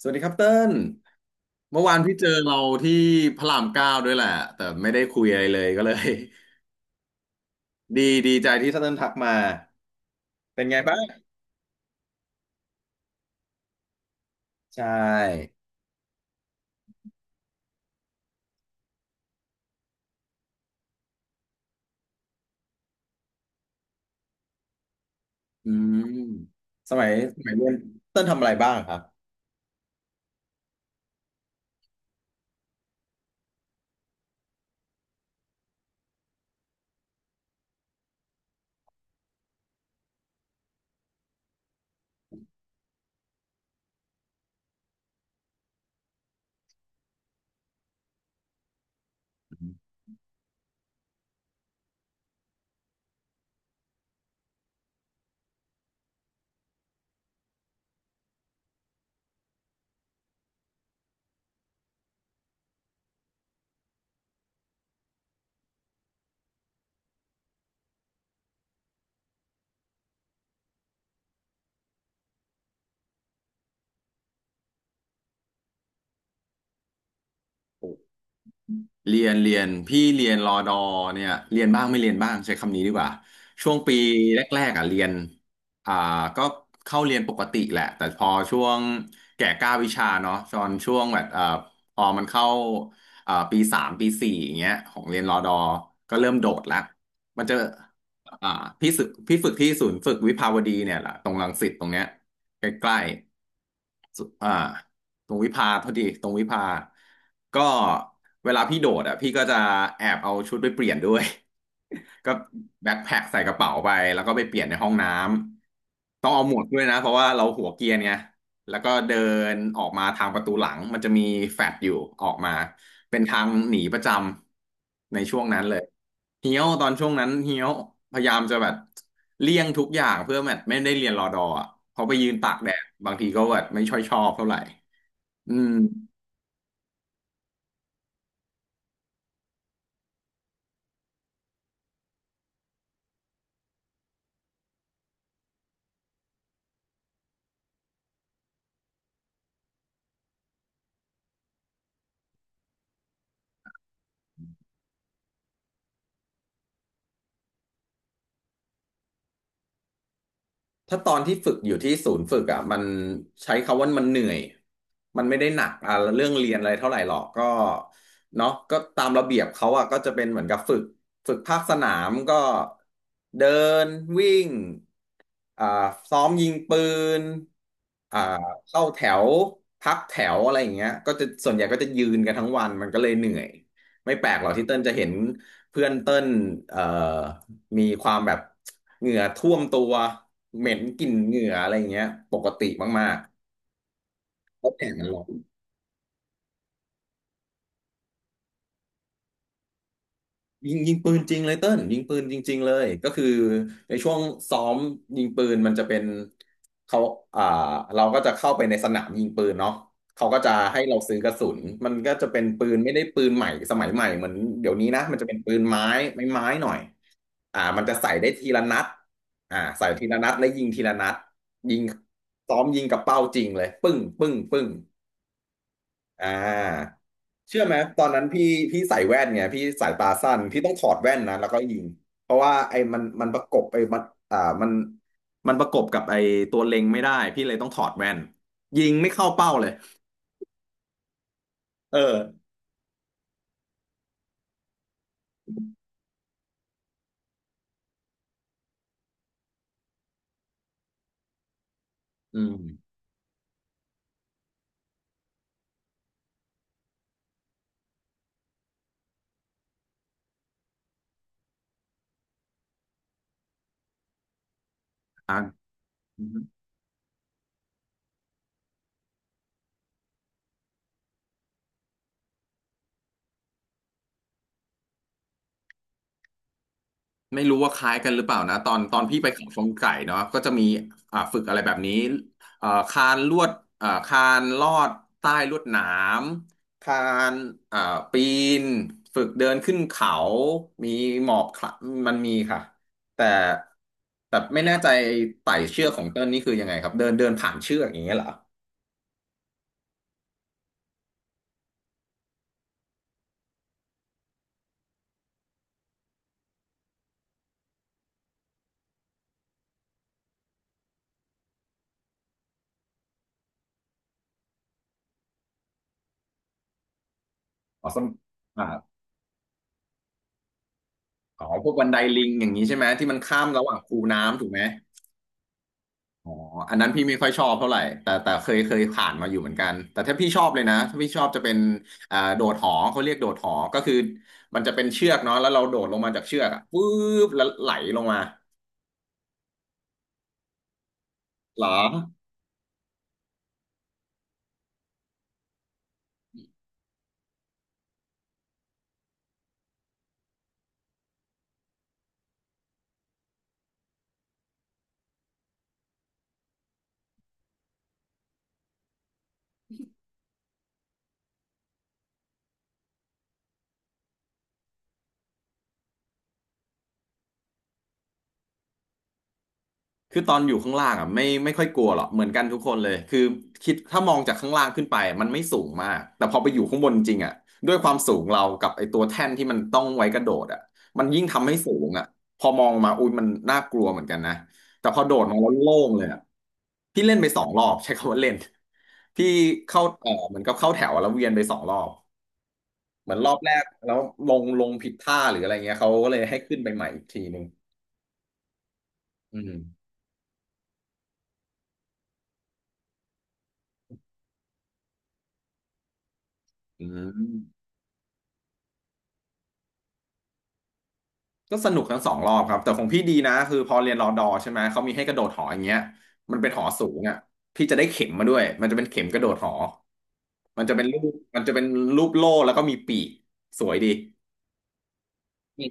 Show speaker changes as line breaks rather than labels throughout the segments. สวัสดีครับเติ้ลเมื่อวานพี่เจอเราที่พระรามเก้าด้วยแหละแต่ไม่ได้คุยอะไรเลยก็เลย ดีดีใจที่เติ้ลทักมาเป็นไงบ้างใช่อืมสมัยเรียนเติ้ลทำอะไรบ้างครับ เรียนพี่เรียนรอดอเนี่ยเรียนบ้างไม่เรียนบ้างใช้คำนี้ดีกว่าช่วงปีแรกๆอ่ะเรียนอ่าก็เข้าเรียนปกติแหละแต่พอช่วงแก่กล้าวิชาเนาะตอนช่วงแบบพอมันเข้าปีสามปีสี่อย่างเงี้ยของเรียนรอดอก็เริ่มโดดละมันจะอ่าพี่ฝึกที่ศูนย์ฝึกวิภาวดีเนี่ยแหละตรงรังสิตตรงเนี้ยใกล้ๆสุตรงวิภาพอดีตรงวิภาก็เวลาพี่โดดอ่ะพี่ก็จะแอบเอาชุดไปเปลี่ยนด้วย ก็แบ็คแพ็คใส่กระเป๋าไปแล้วก็ไปเปลี่ยนในห้องน้ำ ต้องเอาหมวกด้วยนะเพราะว่าเราหัวเกรียนไงแล้วก็เดินออกมาทางประตูหลังมันจะมีแฟลตอยู่ออกมาเป็นทางหนีประจำในช่วงนั้นเลยเฮี้ยวตอนช่วงนั้นเฮี้ยวพยายามจะแบบเลี่ยงทุกอย่างเพื่อแบบไม่ได้เรียนรอดออ่ะเพอไปยืนตากแดดบางทีก็แบบไม่ช่อยชอบเท่าไหร่ อืม ถ้าตอนที่ฝึกอยู่ที่ศูนย์ฝึกอ่ะมันใช้คำว่ามันเหนื่อยมันไม่ได้หนักอ่ะเรื่องเรียนอะไรเท่าไหร่หรอกก็เนาะก็ตามระเบียบเขาอ่ะก็จะเป็นเหมือนกับฝึกภาคสนามก็เดินวิ่งอ่าซ้อมยิงปืนอ่าเข้าแถวพักแถวอะไรอย่างเงี้ยก็จะส่วนใหญ่ก็จะยืนกันทั้งวันมันก็เลยเหนื่อยไม่แปลกหรอกที่เติ้ลจะเห็นเพื่อนเติ้ลเอ่อมีความแบบเหงื่อท่วมตัว เหม็นกลิ่นเหงื่ออะไรอย่างเงี้ยปกติมากๆแล้วแดดมันร้อนยิงปืนจริงเลยเติ้ลยิงปืนจริงๆเลยก็คือในช่วงซ้อมยิงปืนมันจะเป็นเขาอ่าเราก็จะเข้าไปในสนามยิงปืนเนาะเขาก็จะให้เราซื้อกระสุนมันก็จะเป็นปืนไม่ได้ปืนใหม่สมัยใหม่เหมือนเดี๋ยวนี้นะมันจะเป็นปืนไม้ไม้หน่อยมันจะใส่ได้ทีละนัดใส่ทีละนัดแลวยิงทีละนัดยิงซ้อมยิงกับเป้าจริงเลยปึ้งปึ้งปึ้ง อ่าเชื่อไหมตอนนั้นพี่ใส่แว่นไงพี่สายตาสั้นพี่ต้องถอดแว่นนะแล้วก็ยิงเพราะว่าไอ้มันประกบไอ้มันมันประกบกับไอ้ตัวเล็งไม่ได้พี่เลยต้องถอดแว่นยิงไม่เข้าเป้าเลยเอออืมอ่ะ ไม่รู้ว่าคล้ายกันหรือเปล่านะตอนพี่ไปเขาชนไก่เนาะก็จะมีฝึกอะไรแบบนี้คานลวดคานลอดใต้ลวดหนามคานอ่าปีนฝึกเดินขึ้นเขามีหมอบคละมันมีค่ะแต่ไม่แน่ใจไต่เชือกของเติ้ลนี่คือยังไงครับเดินเดินผ่านเชือกอย่างเงี้ยเหรออ๋อสมอ่าอ๋อพวกบันไดลิงอย่างนี้ใช่ไหมที่มันข้ามระหว่างคูน้ำถูกไหม อ๋ออันนั้นพี่ไม่ค่อยชอบเท่าไหร่แต่แต่เคยผ่านมาอยู่เหมือนกัน แต่ถ้าพี่ชอบเลยนะถ้าพี่ชอบจะเป็นโดดหอเขาเรียกโดดหอก็คือมันจะเป็นเชือกเนาะแล้วเราโดดลงมาจากเชือกอะปุ๊บแล้วไหลลงมาเหรอ คือตอนอยู่ข้างล่างอ่ะไม่ค่อยกลัวหรอกเหมือนกันทุกคนเลยคือคิดถ้ามองจากข้างล่างขึ้นไปมันไม่สูงมากแต่พอไปอยู่ข้างบนจริงอ่ะด้วยความสูงเรากับไอ้ตัวแท่นที่มันต้องไว้กระโดดอ่ะมันยิ่งทำให้สูงอ่ะพอมองมาอุ้ยมันน่ากลัวเหมือนกันนะแต่พอโดดมาแล้วโล่งเลยอ่ะพี่เล่นไปสองรอบใช้คำว่าเล่นพี่เข้าเออเหมือนกับเข้าแถวแล้วเวียนไปสองรอบเหมือนรอบแรกแล้วลงผิดท่าหรืออะไรเงี้ยเขาก็เลยให้ขึ้นไปใหม่อีกทีนึงอืมอืม ก็สนุกทั้งสองรอบครับแต่ของพี่ดีนะคือพอเรียนรอดอใช่ไหมเขามีให้กระโดดหออย่างเงี้ยมันเป็นหอสูงอ่ะพี่จะได้เข็มมาด้วยมันจะเป็นเข็มกระโดดหอมันจะเป็นรูปมันจะเป็นรูปโล่แล้วก็มีปีกสวยดีมี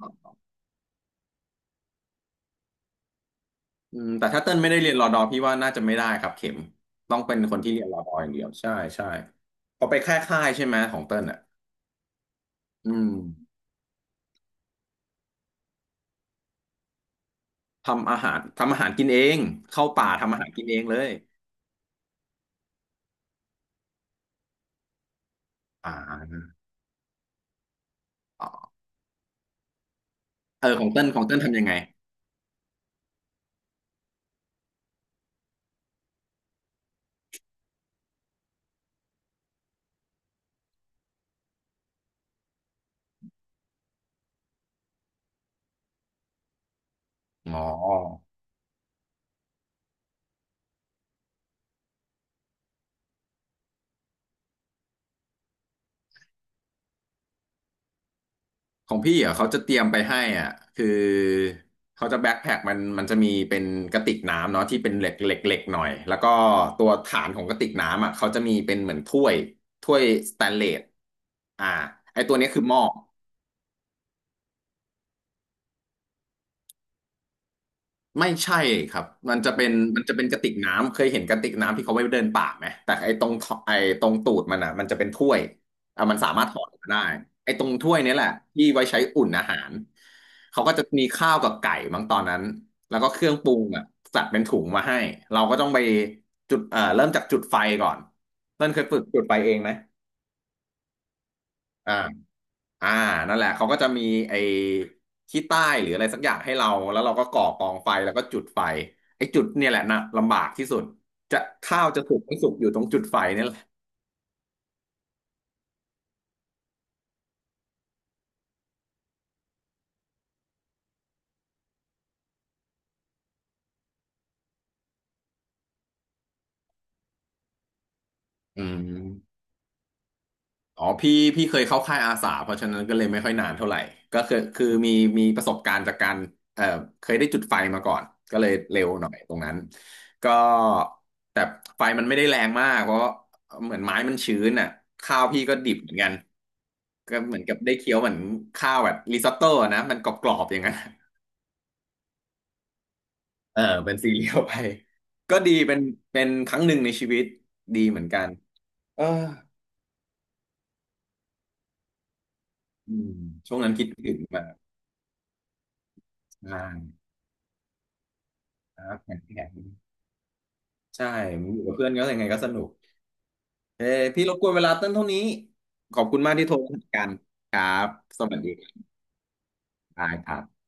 ครับอืมแต่ถ้าเติ้ลไม่ได้เรียนรอดอพี่ว่าน่าจะไม่ได้ครับเข็มต้องเป็นคนที่เรียนรอดออย่างเดียวใช่ใช่พอไปแค่ค่ายใช่ไหมของเติ้ลอ่ะอืมทำอาหารทำอาหารกินเองเข้าป่าทำอาหารกินเองเลยอ่าเออของเติ้ลของเติ้ลทำยังไงอ๋อ ของพี่อ่ะเขาจะเตรียมไปให้อ่ะคือเขาจะแบ็คแพ็คมันมันจะมีเป็นกระติกน้ำเนาะที่เป็นเหล็กเหล็กเหล็กหน่อยแล้วก็ตัวฐานของกระติกน้ำอ่ะเขาจะมีเป็นเหมือนถ้วยถ้วยสแตนเลสอ่าไอตัวเนี้ยคือหม้อ ไม่ใช่ครับมันจะเป็นมันจะเป็นกระติกน้ำเคยเห็นกระติกน้ำที่เขาไว้เดินป่าไหมแต่ไอ้ตรงท่อไอ้ตรงตูดมันอ่ะมันจะเป็นถ้วยอ่ะมันสามารถถอดออกมาได้ไอ้ตรงถ้วยเนี่ยแหละที่ไว้ใช้อุ่นอาหารเขาก็จะมีข้าวกับไก่บางตอนนั้นแล้วก็เครื่องปรุงอ่ะจัดเป็นถุงมาให้เราก็ต้องไปจุดเริ่มจากจุดไฟก่อนเต้นเคยฝึกจุดไฟเองไหมอ่า อ่านั่นแหละ เขาก็จะมีไอ้ขี้ใต้หรืออะไรสักอย่างให้เรา แล้วเราก็ก่อกองไฟแล้วก็จุดไฟไอ้จุดเนี่ยแหละนะลำบากที่สุดจะข้าวจะสุกไม่สุกอยู่ตรงจุดไฟเนี่ยแหละอืม อ๋อพี่เคยเข้าค่ายอาสาเพราะฉะนั้นก็เลยไม่ค่อยนานเท่าไหร่ก็คือคือมีประสบการณ์จากการเอ่อเคยได้จุดไฟมาก่อนก็เลยเร็วหน่อยตรงนั้นก็แต่ไฟมันไม่ได้แรงมากเพราะเหมือนไม้มันชื้นอ่ะข้าวพี่ก็ดิบเหมือนกันก็เหมือนกับได้เคี้ยวเหมือนข้าวแบบริซอตโต้อะนะมันกรอบๆอย่างนั้นเออเป็นซีเรียลไปก็ดีเป็นเป็นครั้งหนึ่งในชีวิตดีเหมือนกันเอออืมช่วงนั้นคิดถึงแบบ่านนะแข็งแข็ง ใช่อยู่กับเพื่อนก็ยังไงก็สนุกเอ้พี่รบกวนเวลาเต้นเท่านี้ขอบคุณมากที่โทรมาคุยกันครับ สวัสดีครับครับ